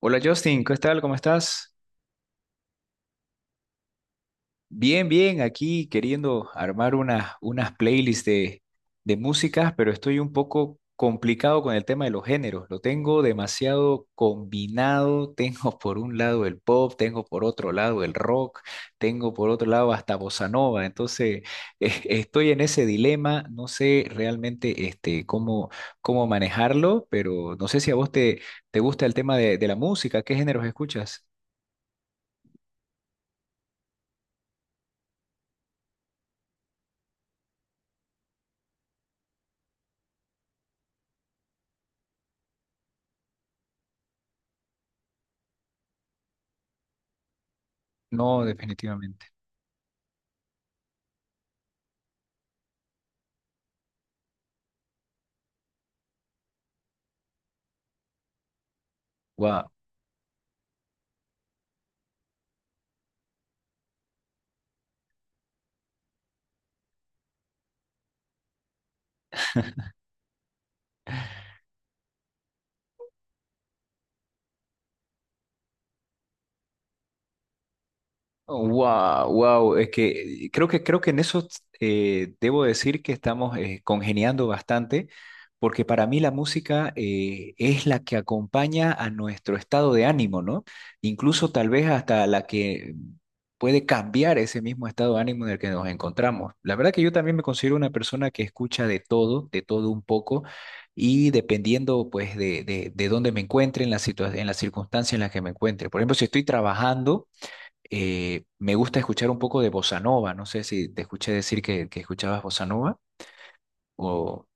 Hola Justin, ¿qué tal? ¿Cómo estás? Bien, bien, aquí queriendo armar unas playlists de músicas, pero estoy un poco complicado con el tema de los géneros. Lo tengo demasiado combinado. Tengo por un lado el pop, tengo por otro lado el rock, tengo por otro lado hasta bossa nova. Entonces, estoy en ese dilema. No sé realmente este, cómo manejarlo, pero no sé si a vos te gusta el tema de la música. ¿Qué géneros escuchas? No, definitivamente. Wow, wow, wow. Es que creo que en eso debo decir que estamos congeniando bastante, porque para mí la música es la que acompaña a nuestro estado de ánimo, ¿no? Incluso tal vez hasta la que puede cambiar ese mismo estado de ánimo en el que nos encontramos. La verdad que yo también me considero una persona que escucha de todo un poco, y dependiendo pues de dónde me encuentre, en la circunstancia en la que me encuentre. Por ejemplo, si estoy trabajando me gusta escuchar un poco de bossa nova. No sé si te escuché decir que escuchabas bossa nova o,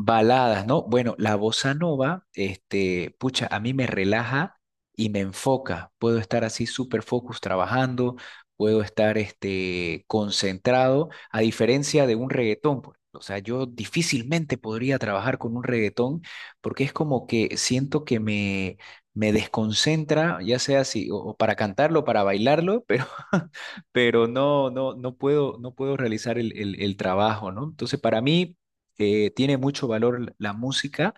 Baladas, ¿no? Bueno, la bossa nova, este, pucha, a mí me relaja y me enfoca. Puedo estar así súper focus trabajando, puedo estar este, concentrado, a diferencia de un reggaetón, pues. O sea, yo difícilmente podría trabajar con un reggaetón porque es como que siento que me desconcentra, ya sea si, o para cantarlo, para bailarlo, pero, pero no, no, no puedo realizar el trabajo, ¿no? Entonces, para mí tiene mucho valor la música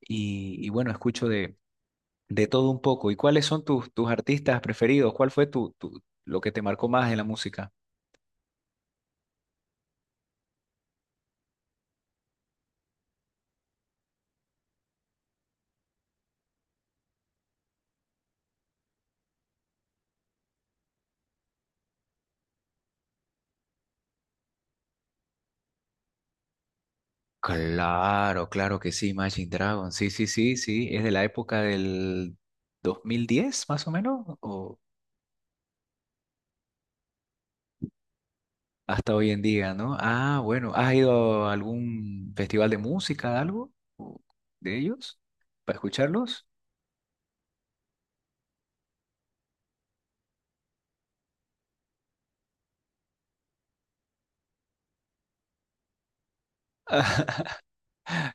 y bueno, escucho de todo un poco. ¿Y cuáles son tus artistas preferidos? ¿Cuál fue lo que te marcó más de la música? Claro, claro que sí, Imagine Dragon. Sí, sí, sí, sí. Es de la época del 2010, más o menos, o hasta hoy en día, ¿no? Ah, bueno. ¿Has ido a algún festival de música, algo o de ellos, para escucharlos?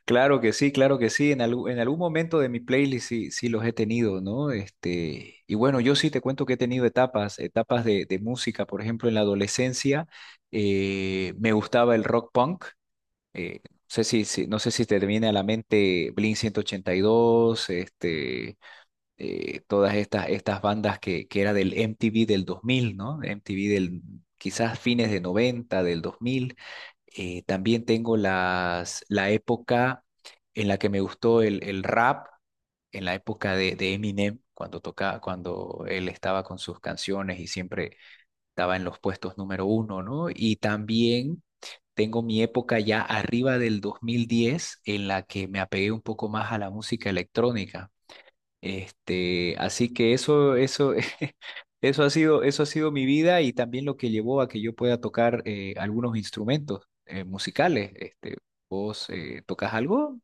Claro que sí, claro que sí. En algún momento de mi playlist sí, sí los he tenido, ¿no? Este, y bueno, yo sí te cuento que he tenido etapas, etapas de música. Por ejemplo, en la adolescencia me gustaba el rock punk. No sé si te viene a la mente Blink 182, este, todas estas bandas que era del MTV del 2000, ¿no? MTV del quizás fines de 90, del 2000. También tengo la época en la que me gustó el rap, en la época de Eminem, cuando él estaba con sus canciones y siempre estaba en los puestos número uno, ¿no? Y también tengo mi época ya arriba del 2010 en la que me apegué un poco más a la música electrónica. Este, así que eso ha sido mi vida y también lo que llevó a que yo pueda tocar algunos instrumentos musicales. Este, ¿vos tocas algo?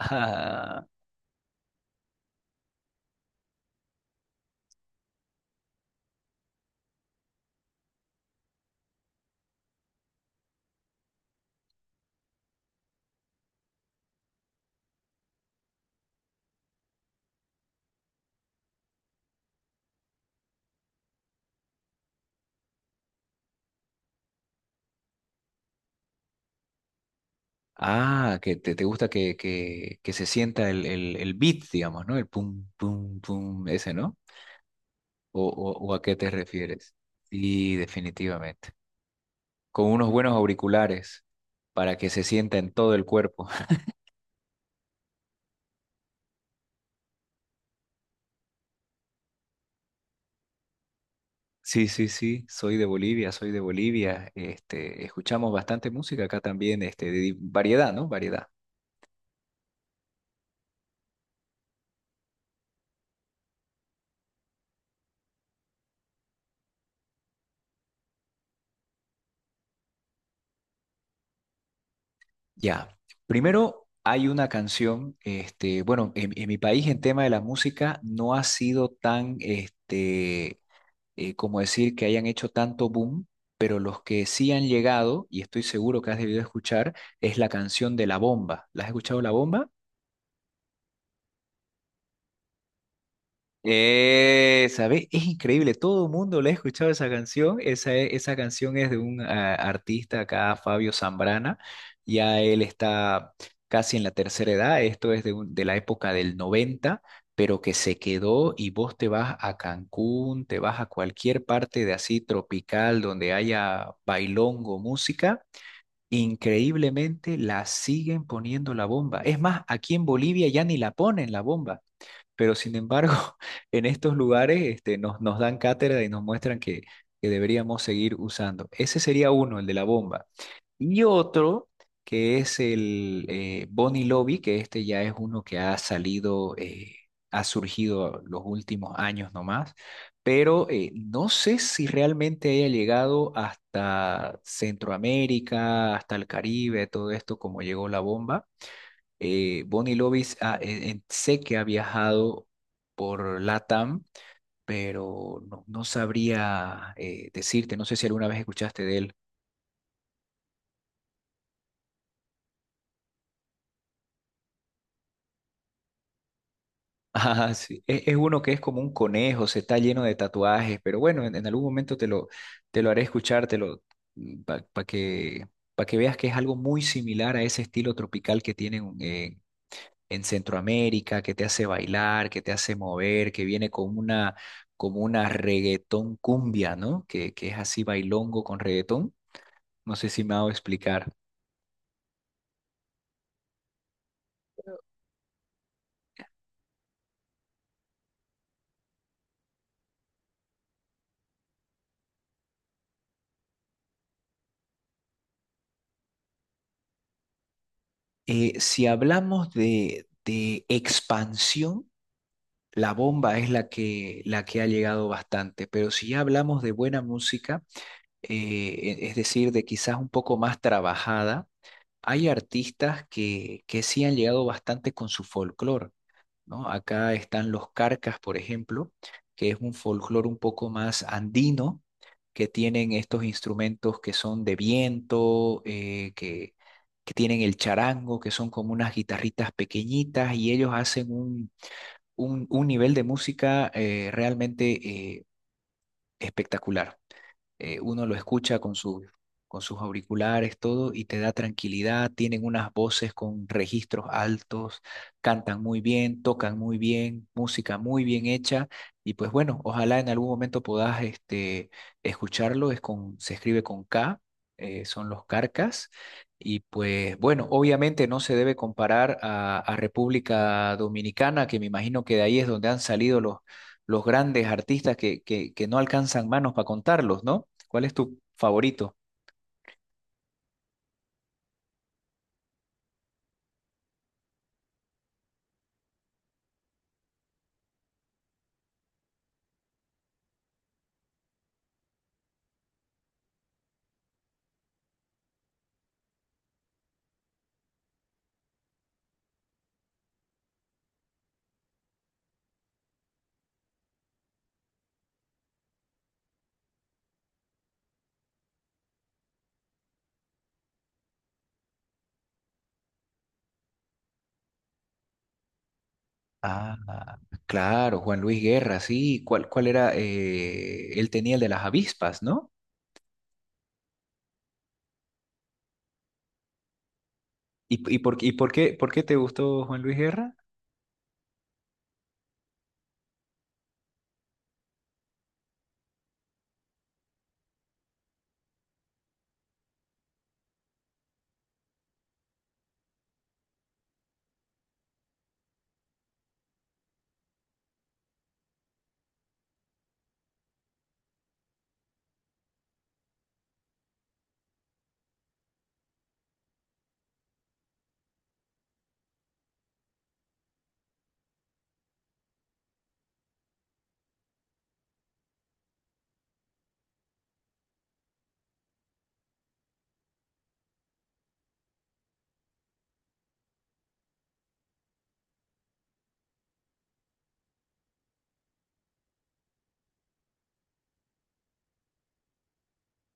Ah, ah, que te gusta que se sienta el beat, digamos, ¿no? El pum, pum, pum, ese, ¿no? ¿O a qué te refieres? Sí, definitivamente. Con unos buenos auriculares para que se sienta en todo el cuerpo. Sí, sí, sí, soy de Bolivia, soy de Bolivia. Este, escuchamos bastante música acá también, este, variedad, ¿no? Variedad. Ya. Primero hay una canción, este, bueno, en mi país en tema de la música no ha sido tan, este, como decir que hayan hecho tanto boom, pero los que sí han llegado, y estoy seguro que has debido escuchar, es la canción de La Bomba. ¿La has escuchado La Bomba? ¿Sabes? Es increíble, todo el mundo le ha escuchado esa canción. Esa canción es de un artista acá, Fabio Zambrana. Ya él está casi en la tercera edad, esto es de la época del 90, pero que se quedó y vos te vas a Cancún, te vas a cualquier parte de así tropical donde haya bailongo, música. Increíblemente la siguen poniendo la bomba. Es más, aquí en Bolivia ya ni la ponen la bomba. Pero sin embargo, en estos lugares este, nos dan cátedra y nos muestran que deberíamos seguir usando. Ese sería uno, el de la bomba. Y otro, que es el Bonnie Lobby, que este ya es uno que ha salido, ha surgido los últimos años nomás, pero no sé si realmente haya llegado hasta Centroamérica, hasta el Caribe, todo esto como llegó la bomba. Bonnie Lovis sé que ha viajado por LATAM, pero no sabría decirte, no sé si alguna vez escuchaste de él. Ah, sí. Es uno que es como un conejo, se está lleno de tatuajes, pero bueno, en algún momento te lo haré escuchar, te lo, para que, pa que veas que es algo muy similar a ese estilo tropical que tienen en Centroamérica, que te hace bailar, que te hace mover, que viene con como una reggaetón cumbia, ¿no? Que es así bailongo con reggaetón. No sé si me hago explicar. Si hablamos de expansión, la bomba es la que ha llegado bastante, pero si ya hablamos de buena música, es decir, de quizás un poco más trabajada, hay artistas que sí han llegado bastante con su folclore, ¿no? Acá están los carcas, por ejemplo, que es un folclore un poco más andino, que tienen estos instrumentos que son de viento, que tienen el charango, que son como unas guitarritas pequeñitas, y ellos hacen un nivel de música realmente espectacular uno lo escucha con sus, auriculares, todo, y te da tranquilidad, tienen unas voces con registros altos, cantan muy bien, tocan muy bien, música muy bien hecha, y pues bueno, ojalá en algún momento puedas este, escucharlo, se escribe con K, son los Carcas. Y pues bueno, obviamente no se debe comparar a República Dominicana, que me imagino que de ahí es donde han salido los grandes artistas que no alcanzan manos para contarlos, ¿no? ¿Cuál es tu favorito? Ah, claro, Juan Luis Guerra, sí. ¿Cuál era? Él tenía el de las avispas, ¿no? ¿Y por qué te gustó Juan Luis Guerra?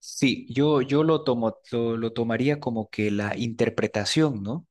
Sí, yo lo tomaría como que la interpretación, ¿no?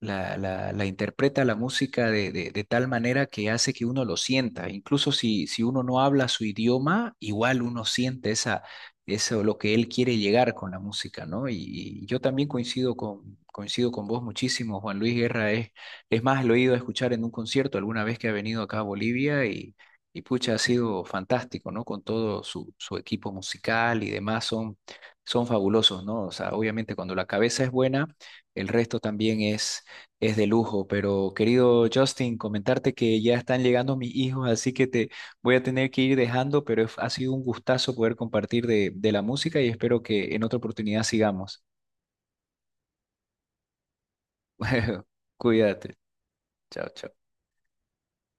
La interpreta la música de tal manera que hace que uno lo sienta. Incluso si uno no habla su idioma, igual uno siente eso, lo que él quiere llegar con la música, ¿no? Y yo también coincido con vos muchísimo. Juan Luis Guerra es más, lo he ido a escuchar en un concierto alguna vez que ha venido acá a Bolivia y pucha, ha sido fantástico, ¿no? Con todo su equipo musical y demás, son fabulosos, ¿no? O sea, obviamente cuando la cabeza es buena, el resto también es de lujo, pero querido Justin, comentarte que ya están llegando mis hijos, así que te voy a tener que ir dejando, pero ha sido un gustazo poder compartir de la música y espero que en otra oportunidad sigamos. Cuídate. Chao, chao.